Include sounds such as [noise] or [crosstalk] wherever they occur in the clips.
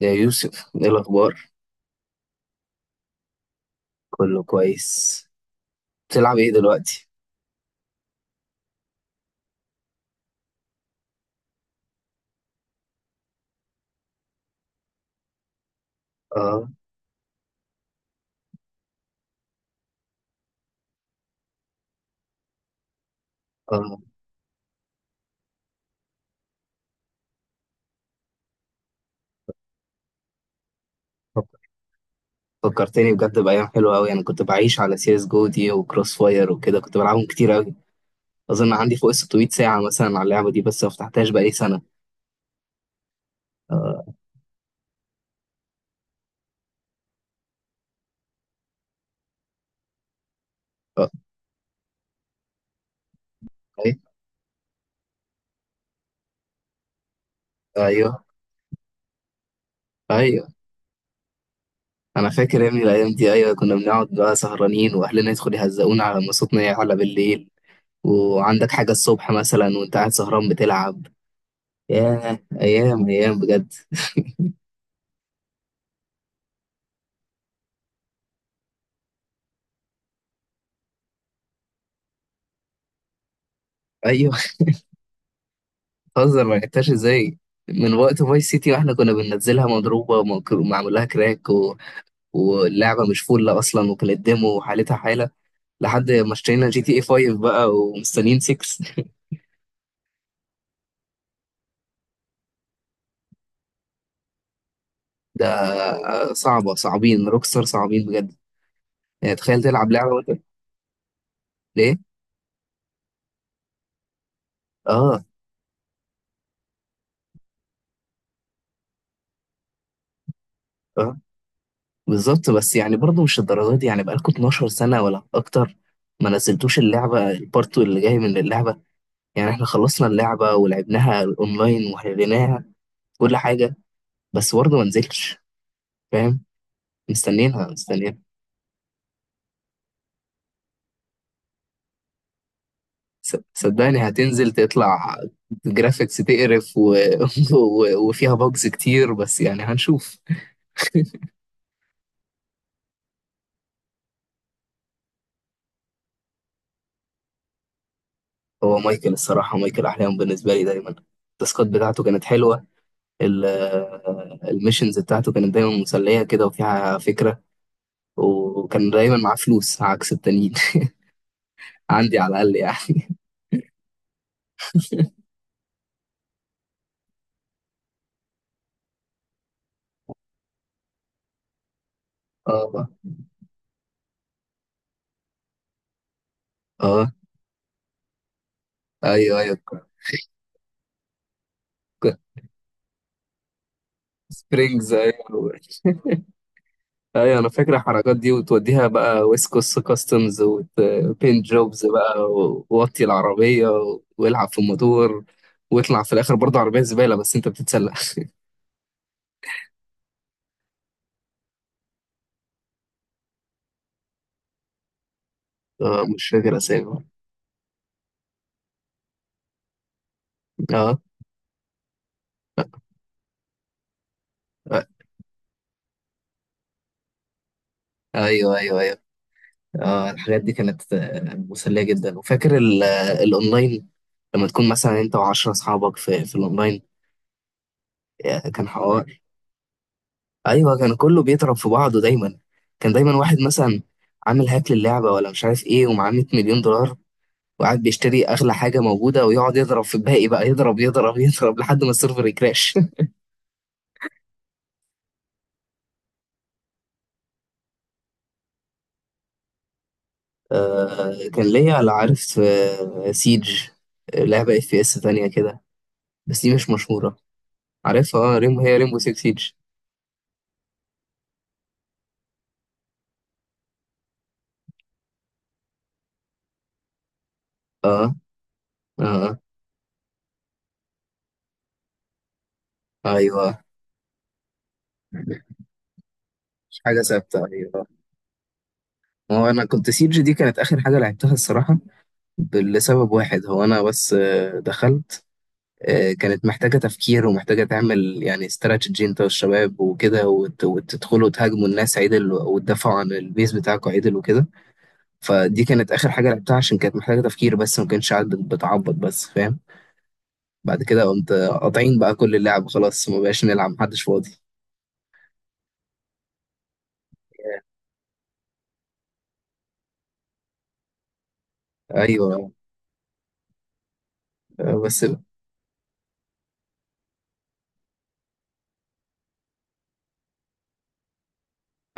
يا يوسف، ايه الاخبار؟ كله كويس. بتلعب ايه دلوقتي؟ اه. اه. فك- فكرتني بجد بايام حلوه قوي. انا كنت بعيش على سي اس جو دي وكروس فاير وكده، كنت بلعبهم كتير قوي. اظن عندي فوق ال 600 ساعه مثلا على اللعبه دي، بس ما فتحتهاش بقالي سنه. اه. اه. أي- ايوه. ايوه، انا فاكر يا ابني الايام دي. ايوه، كنا بنقعد بقى سهرانين واهلنا يدخلوا يهزقونا على مصوتنا على بالليل، وعندك حاجه الصبح مثلا وانت قاعد سهران بتلعب. ياه، ايام ايام بجد. ايوه. هزر، ما لحقتهاش ازاي؟ من وقت فايس سيتي واحنا كنا بننزلها مضروبه ومعمول لها كراك و... واللعبه مش فل اصلا، وكانت ديمو وحالتها حاله، لحد ما اشترينا جي تي اي 5 بقى ومستنيين 6. [laughs] ده. صعبه، صعبين روكستار، صعبين بجد. يعني تخيل تلعب لعبه وانت... ليه؟ اه. اه، بالظبط. بس يعني برضه مش الدرجات دي، يعني بقالكوا 12 سنه ولا اكتر ما نزلتوش اللعبه، البارت اللي جاي من اللعبه. يعني احنا خلصنا اللعبه ولعبناها اونلاين وحليناها، كل حاجه، بس برضه ما نزلتش فاهم. مستنيينها، مستنيينها. صدقني هتنزل تطلع جرافيكس تقرف و... [laughs] و... وفيها بوجز كتير، بس يعني هنشوف. هو مايكل، الصراحة مايكل أحلام بالنسبة لي دايما. التاسكات بتاعته كانت حلوة. ال- الميشنز بتاعته كانت دايما مسلية كده وفيها فكرة، وكان دايما معاه فلوس عكس التانيين. [laughs] عندي على الأقل يعني. اه. اه. ايوه. ايوه، سبرينجز. ايوه. ايوه انا فاكر الحركات دي، وتوديها بقى ويسكوس كاستمز وبين جوبز بقى ووطي العربيه والعب في الموتور، واطلع في الاخر برضه عربيه زباله، بس انت بتتسلق. [laughs] اه مش فاكر اسامي. اه. آه، ايوه ايوه ايوه. اه الحاجات دي كانت مسليه جدا، وفاكر الاونلاين، لما تكون مثلا انت وعشرة اصحابك في الاونلاين. كان حوار. ايوه، كان كله بيضرب في بعضه دايما. كان دايما واحد مثلا عامل هاك للعبه ولا مش عارف ايه، ومعاه 100 مليون دولار، وقاعد بيشتري اغلى حاجه موجوده ويقعد يضرب في الباقي بقى، يضرب يضرب [laughs] يضرب لحد ما السيرفر يكراش. [laughs] آه كان ليا على عارف آه سيج. لعبه اف بي اس تانية كده، بس دي مش مشهوره. عارفها، اه ريمبو هي ريمبو 6 سيج. اه. اه. ايوه. مش حاجه ثابته، ايوه. هو انا كنت سيج دي كانت اخر حاجه لعبتها الصراحه، لسبب واحد هو انا بس دخلت. كانت محتاجة تفكير ومحتاجة تعمل يعني استراتيجي انت والشباب وكده، وتدخلوا تهاجموا الناس عدل وتدافعوا عن البيس بتاعكوا عدل وكده. فدي كانت آخر حاجة لعبتها عشان كانت محتاجة تفكير، بس ما كانش قاعد بتعبط بس، فاهم. بعد كده قمت قاطعين بقى كل اللعب، خلاص ما بقاش نلعب، محدش فاضي. ايوه. بس.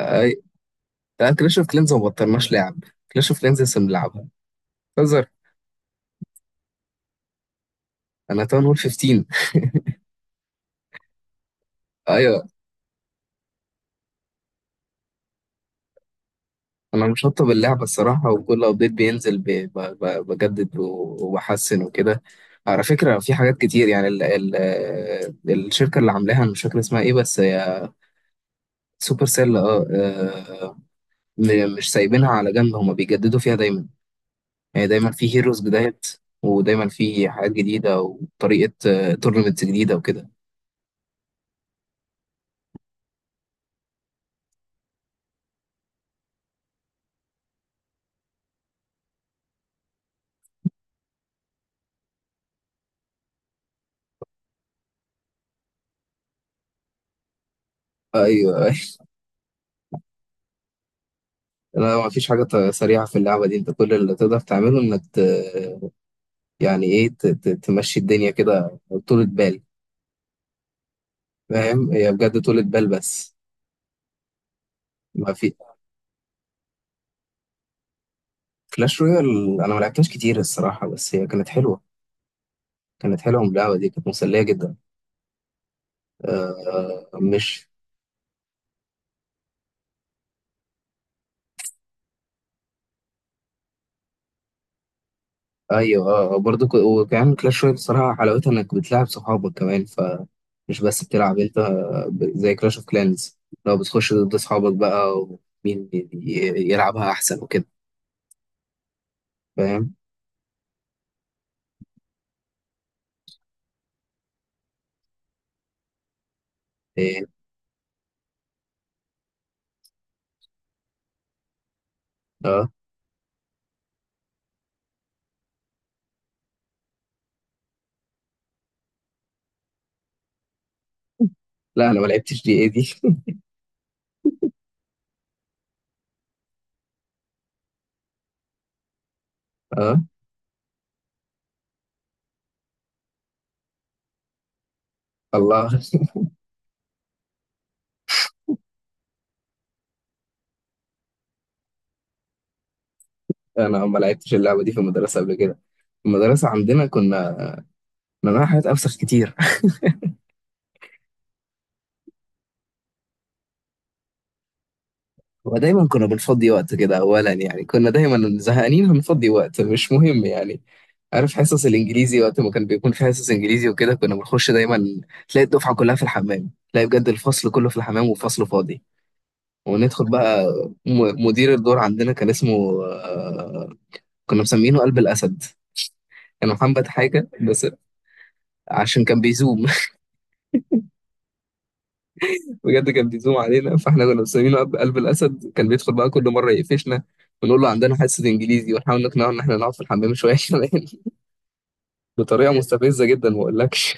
اي. لا، كلاش اوف كلينز ما بطلناش لعب، كلاش اوف كلينز لسه بنلعبها. بتهزر؟ انا تاون هول 15. [laughs] ايوه. انا مشطب اللعبه الصراحه، وكل ابديت بينزل بجدد وبحسن وكده. على فكره في حاجات كتير، يعني ال ال الشركه اللي عاملاها انا مش فاكر اسمها ايه بس هي... سوبر سيل، اه. مش سايبينها على جنب، هما بيجددوا فيها دايما، يعني دايما في هيروز بدايات، ودايما في حاجات جديده وطريقه، تورنمنتس جديده وكده. ايوه أيوة. لا، ما فيش حاجه سريعه في اللعبه دي، انت كل اللي تقدر تعمله انك ت... يعني ايه، تمشي الدنيا كده، طولة بال. فاهم، هي بجد طولة بال بس. ما في... كلاش رويال، انا ما لعبتهاش كتير الصراحه، بس هي كانت حلوه، كانت حلوه، اللعبه دي كانت مسليه جدا. آه مش... ايوه اه برضه وكمان كلاش رويال الصراحه حلاوتها انك بتلعب صحابك كمان، ف مش بس بتلعب انت، زي كلاش اوف كلانز لو بتخش ضد اصحابك بقى ومين يلعبها احسن وكده. فاهم. إيه، اه. لا انا ما لعبتش دي، ايه دي؟ [laughs] اه. الله. انا ما لعبتش اللعبه دي في المدرسه قبل كده، في المدرسه عندنا كنا... مناها حاجات افسخ كتير. [laughs] ودايما كنا بنفضي وقت كده، اولا يعني كنا دايما زهقانين، هنفضي وقت مش مهم يعني. عارف حصص الانجليزي، وقت ما كان بيكون في حصص انجليزي وكده، كنا بنخش دايما، تلاقي الدفعه كلها في الحمام، تلاقي بجد الفصل كله في الحمام والفصل فاضي. وندخل بقى... مدير الدور عندنا كان اسمه كنا مسمينه قلب الاسد، كان محمد حاجه بس، عشان كان بيزوم، بجد كان بيزوم علينا، فاحنا كنا مسمينه قلب الاسد، كان بيدخل بقى كل مره يقفشنا ونقول له عندنا حصه انجليزي، ونحاول نقنعه ان احنا نقعد في الحمام شويه كمان. [laughs] بطريقه مستفزه جدا ما اقولكش.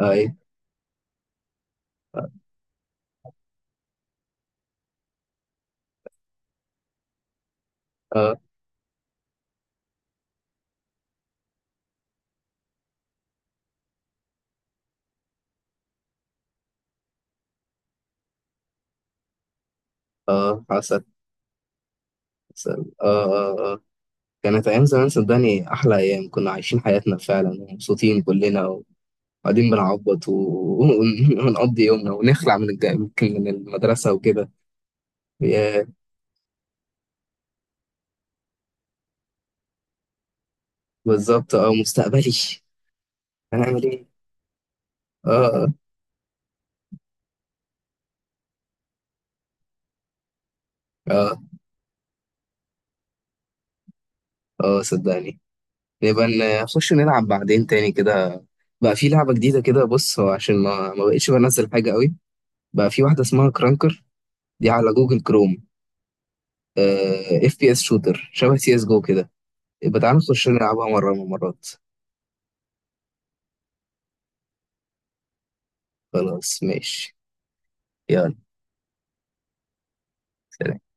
اي. اه. اه. حصل. حصل، اه اه اه. كانت ايام زمان صدقني احلى ايام، كنا عايشين حياتنا فعلا ومبسوطين كلنا، وقاعدين بنعبط ونقضي يومنا ونخلع من من المدرسه وكده، يا... بالظبط. اه، مستقبلي. هنعمل ايه؟ اه. اه. اه، صدقني. نبقى نخش نلعب بعدين تاني كده، بقى في لعبة جديدة كده، بص هو عشان ما بقتش بنزل حاجة قوي، بقى في واحدة اسمها كرانكر، دي على جوجل كروم. اف بي اس شوتر شبه سي اس جو كده، يبقى تعالى نخش نلعبها مرة من المرات. خلاص ماشي. يلا. سلام.